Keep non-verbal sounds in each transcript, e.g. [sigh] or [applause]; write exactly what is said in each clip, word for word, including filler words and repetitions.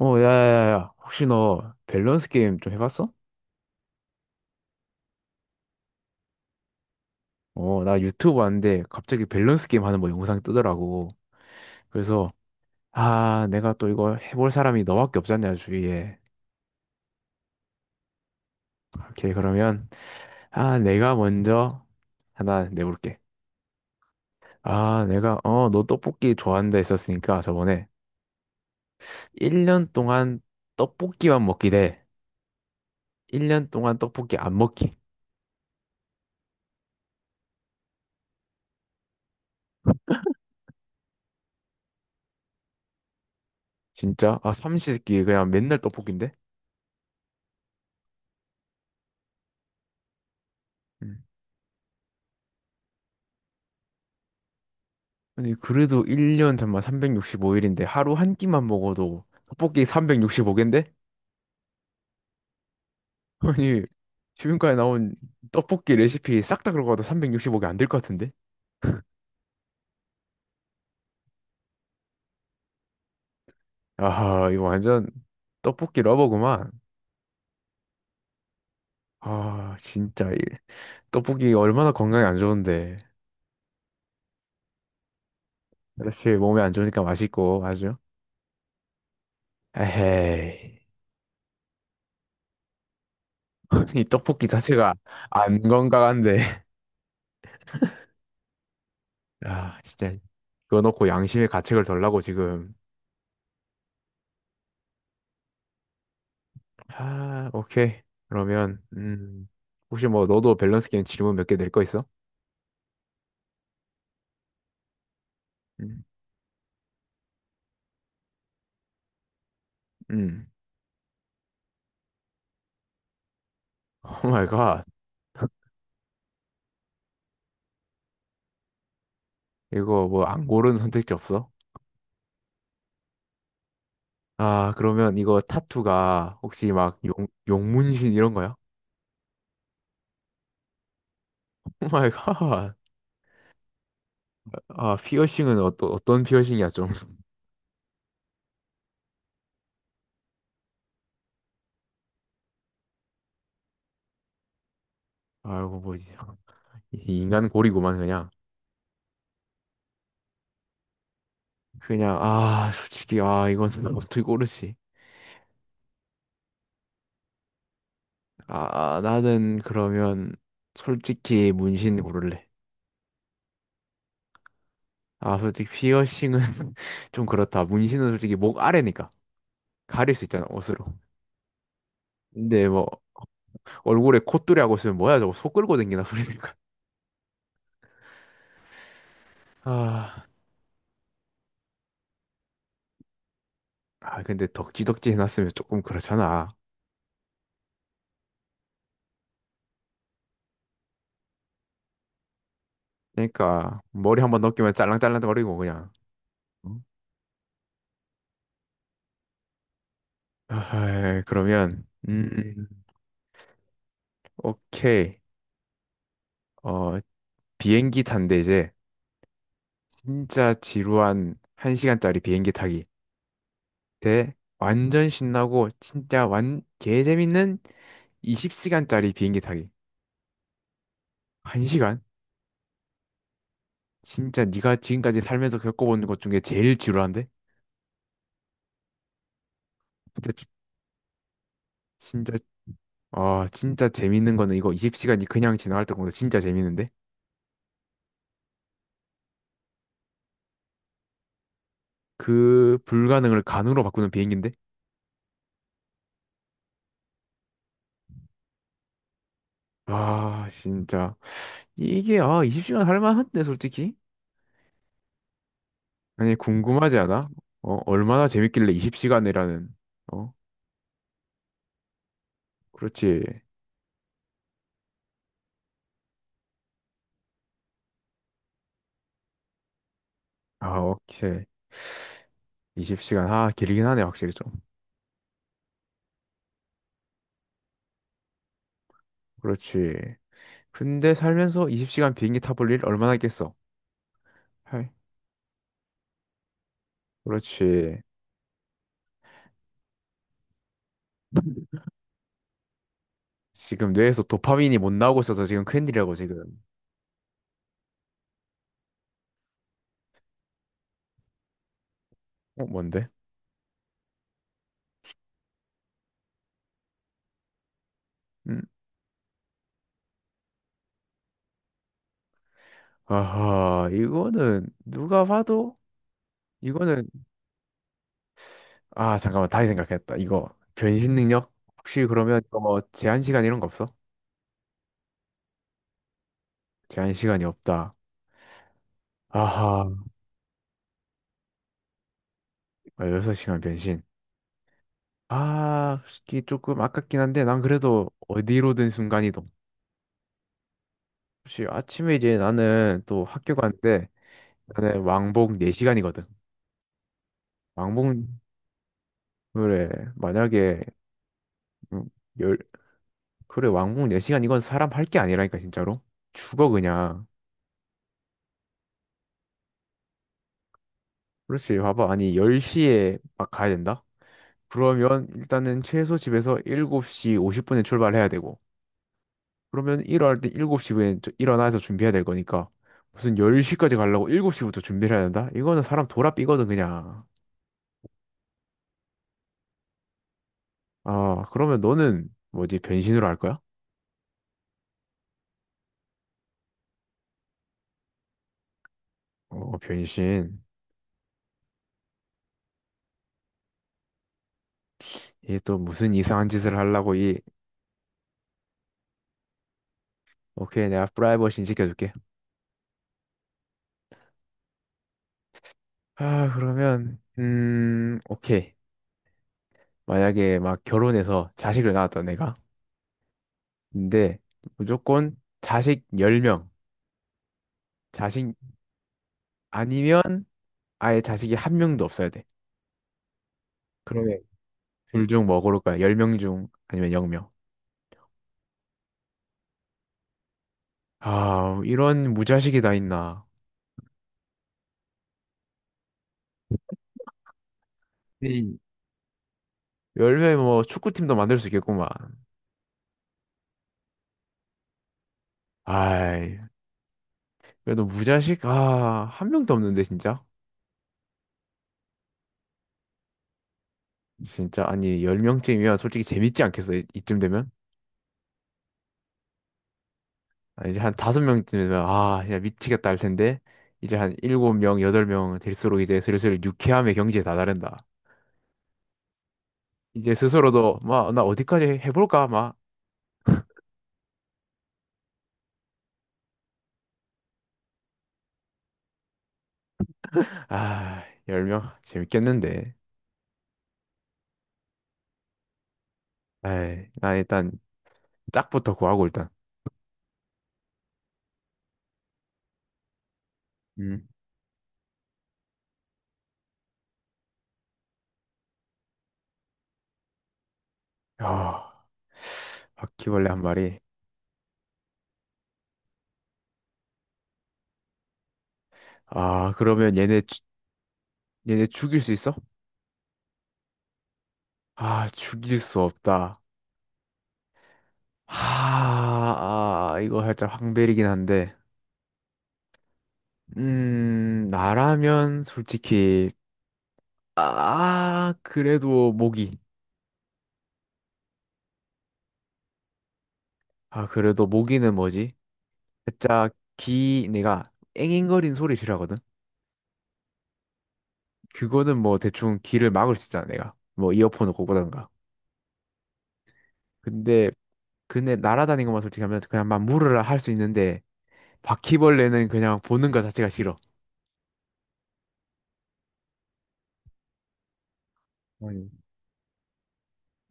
어, 야야야야. 혹시 너 밸런스 게임 좀 해봤어? 어, 나 유튜브 봤는데 갑자기 밸런스 게임 하는 뭐 영상이 뜨더라고. 그래서, 아, 내가 또 이거 해볼 사람이 너밖에 없잖냐, 주위에. 오케이, 그러면, 아, 내가 먼저 하나 내볼게. 아, 내가, 어, 너 떡볶이 좋아한다 했었으니까 저번에 일 년 동안 떡볶이만 먹기 대 일 년 동안 떡볶이 안 먹기. 진짜? 아, 삼시세끼 그냥 맨날 떡볶인데? 아니 그래도 일 년 잠만 삼백육십오 일인데 하루 한 끼만 먹어도 떡볶이 삼백육십오 개인데? [laughs] 아니 지금까지 나온 떡볶이 레시피 싹 다 들어가도 삼백육십오 개 안 될 것 같은데? 아 이거 완전 떡볶이 러버구만. 아 진짜 이 떡볶이 얼마나 건강에 안 좋은데. 그렇지, 몸에 안 좋으니까 맛있고 아주. 에헤이. [laughs] 이 떡볶이 자체가 안 건강한데. [laughs] 아 진짜 그거 넣고 양심의 가책을 덜라고 지금. 아, 오케이. 그러면, 음, 혹시 뭐, 너도 밸런스 게임 질문 몇 개 낼 거 있어? 음, 음. 오 마이 갓. 이거 뭐, 안 고른 선택지 없어? 아, 그러면 이거 타투가 혹시 막 용, 용문신 이런 거야? 오 마이 갓. 아, 피어싱은 어떤 어떤 피어싱이야, 좀. 아이고, 뭐지. 이 인간 고리구만, 그냥. 그냥, 아, 솔직히, 아, 이건 어떻게 고르지? 아, 나는 그러면, 솔직히 문신 고를래. 아, 솔직히 피어싱은 [laughs] 좀 그렇다. 문신은 솔직히 목 아래니까 가릴 수 있잖아, 옷으로. 근데 뭐 얼굴에 콧뚜리 하고 있으면 뭐야 저거 소 끌고 댕기나 소리 들까. [laughs] 아, 아 근데 덕지덕지 해놨으면 조금 그렇잖아. 그러니까 머리 한번 넘기면 짤랑짤랑거리고 그냥. 응? 아, 그러면 음, 오케이. 어, 비행기 탄대 이제 진짜 지루한 한 시간짜리 비행기 타기. 때 완전 신나고 진짜 완 개재밌는 스무 시간짜리 비행기 타기. 한 시간? 진짜 네가 지금까지 살면서 겪어본 것 중에 제일 지루한데? 진짜 지- 진짜 아 진짜 재밌는 거는 이거 스무 시간이 그냥 지나갈 때보다 진짜 재밌는데? 그 불가능을 가능으로 바꾸는 비행기인데? 아 진짜 이게 아 스무 시간 할 만한데 솔직히? 아니 궁금하지 않아? 어 얼마나 재밌길래 스무 시간이라는. 어 그렇지 아 오케이 스무 시간, 아, 길긴 하네, 확실히 좀. 그렇지. 근데 살면서 스무 시간 비행기 타볼 일 얼마나 있겠어? 할. 그렇지. 지금 뇌에서 도파민이 못 나오고 있어서 지금 큰일이라고, 지금. 어, 뭔데? 음. 아하, 이거는 누가 봐도, 이거는, 아, 잠깐만, 다시 생각했다. 이거, 변신 능력? 혹시 그러면, 이거 뭐, 제한 시간 이런 거 없어? 제한 시간이 없다. 아하, 여섯 시간 변신. 아, 솔직히 조금 아깝긴 한데, 난 그래도 어디로든 순간이동. 혹시 아침에 이제 나는 또 학교 가는데 나는 왕복 네 시간이거든. 왕복 그래 만약에 음, 열 그래 왕복 네 시간 이건 사람 할 게 아니라니까 진짜로. 죽어 그냥. 그렇지 봐봐 아니 열 시에 막 가야 된다? 그러면 일단은 최소 집에서 일곱 시 오십 분에 출발해야 되고 그러면 일어날 때 일곱 시 에 일어나서 준비해야 될 거니까 무슨 열 시까지 가려고 일곱 시부터 준비를 해야 된다? 이거는 사람 돌아 삐거든 그냥. 아, 그러면 너는 뭐지? 변신으로 할 거야? 어, 변신. 이게 또 무슨 이상한 짓을 하려고 이, 오케이, 내가 프라이버시 지켜줄게. 아, 그러면, 음, 오케이. 만약에 막 결혼해서 자식을 낳았다, 내가. 근데 무조건 자식 열 명. 자식 아니면 아예 자식이 한 명도 없어야 돼. 그러면 둘 중 뭐 고를 거야? 열 명 중 아니면 영 명. 아, 이런 무자식이 다 있나. 열 10명이 뭐 축구팀도 만들 수 있겠구만. 아이. 그래도 무자식 아, 한 명도 없는데 진짜. 진짜 아니 열 명쯤이면 솔직히 재밌지 않겠어. 이- 이쯤 되면. 아, 이제 한 다섯 명쯤 되면 아, 그냥 미치겠다 할 텐데. 이제 한 일곱 명, 여덟 명 될수록 이제 슬슬 유쾌함의 경지에 다다른다. 이제 스스로도 막 나 어디까지 해 볼까 막. 아, 열 명 재밌겠는데. 에이, 나 일단 짝부터 구하고 일단. 음. 아, 바퀴벌레 한 마리. 아, 그러면 얘네 죽- 얘네 죽일 수 있어? 아, 죽일 수 없다. 하, 아, 이거 살짝 황벨이긴 한데. 음, 나라면 솔직히, 아, 그래도 모기. 아, 그래도 모기는 뭐지? 살짝 귀, 내가 앵앵거리는 소리 싫어하거든? 그거는 뭐 대충 귀를 막을 수 있잖아, 내가. 뭐 이어폰을 꽂고든가. 근데, 근데 날아다니는 것만 솔직히 하면 그냥 막 물으라 할 수 있는데, 바퀴벌레는 그냥 보는 것 자체가 싫어.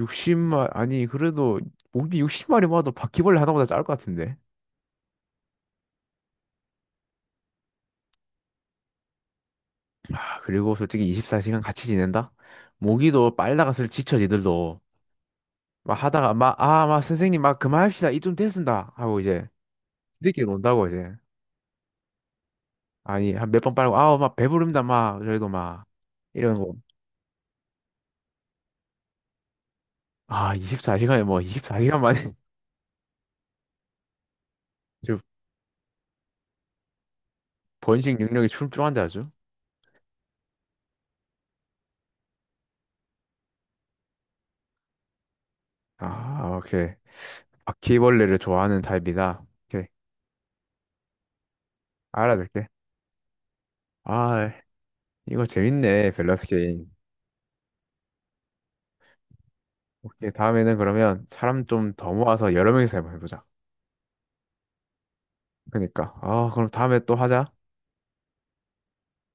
예순 마리, 아니, 그래도 모기 예순 마리 모아도 바퀴벌레 하나보다 짧을 것 같은데. 아, 그리고 솔직히 이십사 시간 같이 지낸다? 모기도 빨다가 슬 지쳐 지들도. 막 하다가 막, 아, 막 선생님 막 그만합시다. 이쯤 됐습니다, 하고 이제 지들끼리 논다고 이제. 아니, 한 몇 번 빨고, 아우, 막 배부릅니다. 막 저희도 막 이런 거. 아, 이십사 시간에 뭐 이십사 시간 만에. [laughs] 저 번식 능력이 출중한데 아주. 아, 오케이. 바퀴벌레를 좋아하는 타입이다. 오케이. 알아둘게. 아, 이거 재밌네, 밸런스 게임. 오케이, 다음에는 그러면 사람 좀 더 모아서 여러 명이서 한번 해보자. 그러니까. 아, 그럼 다음에 또 하자.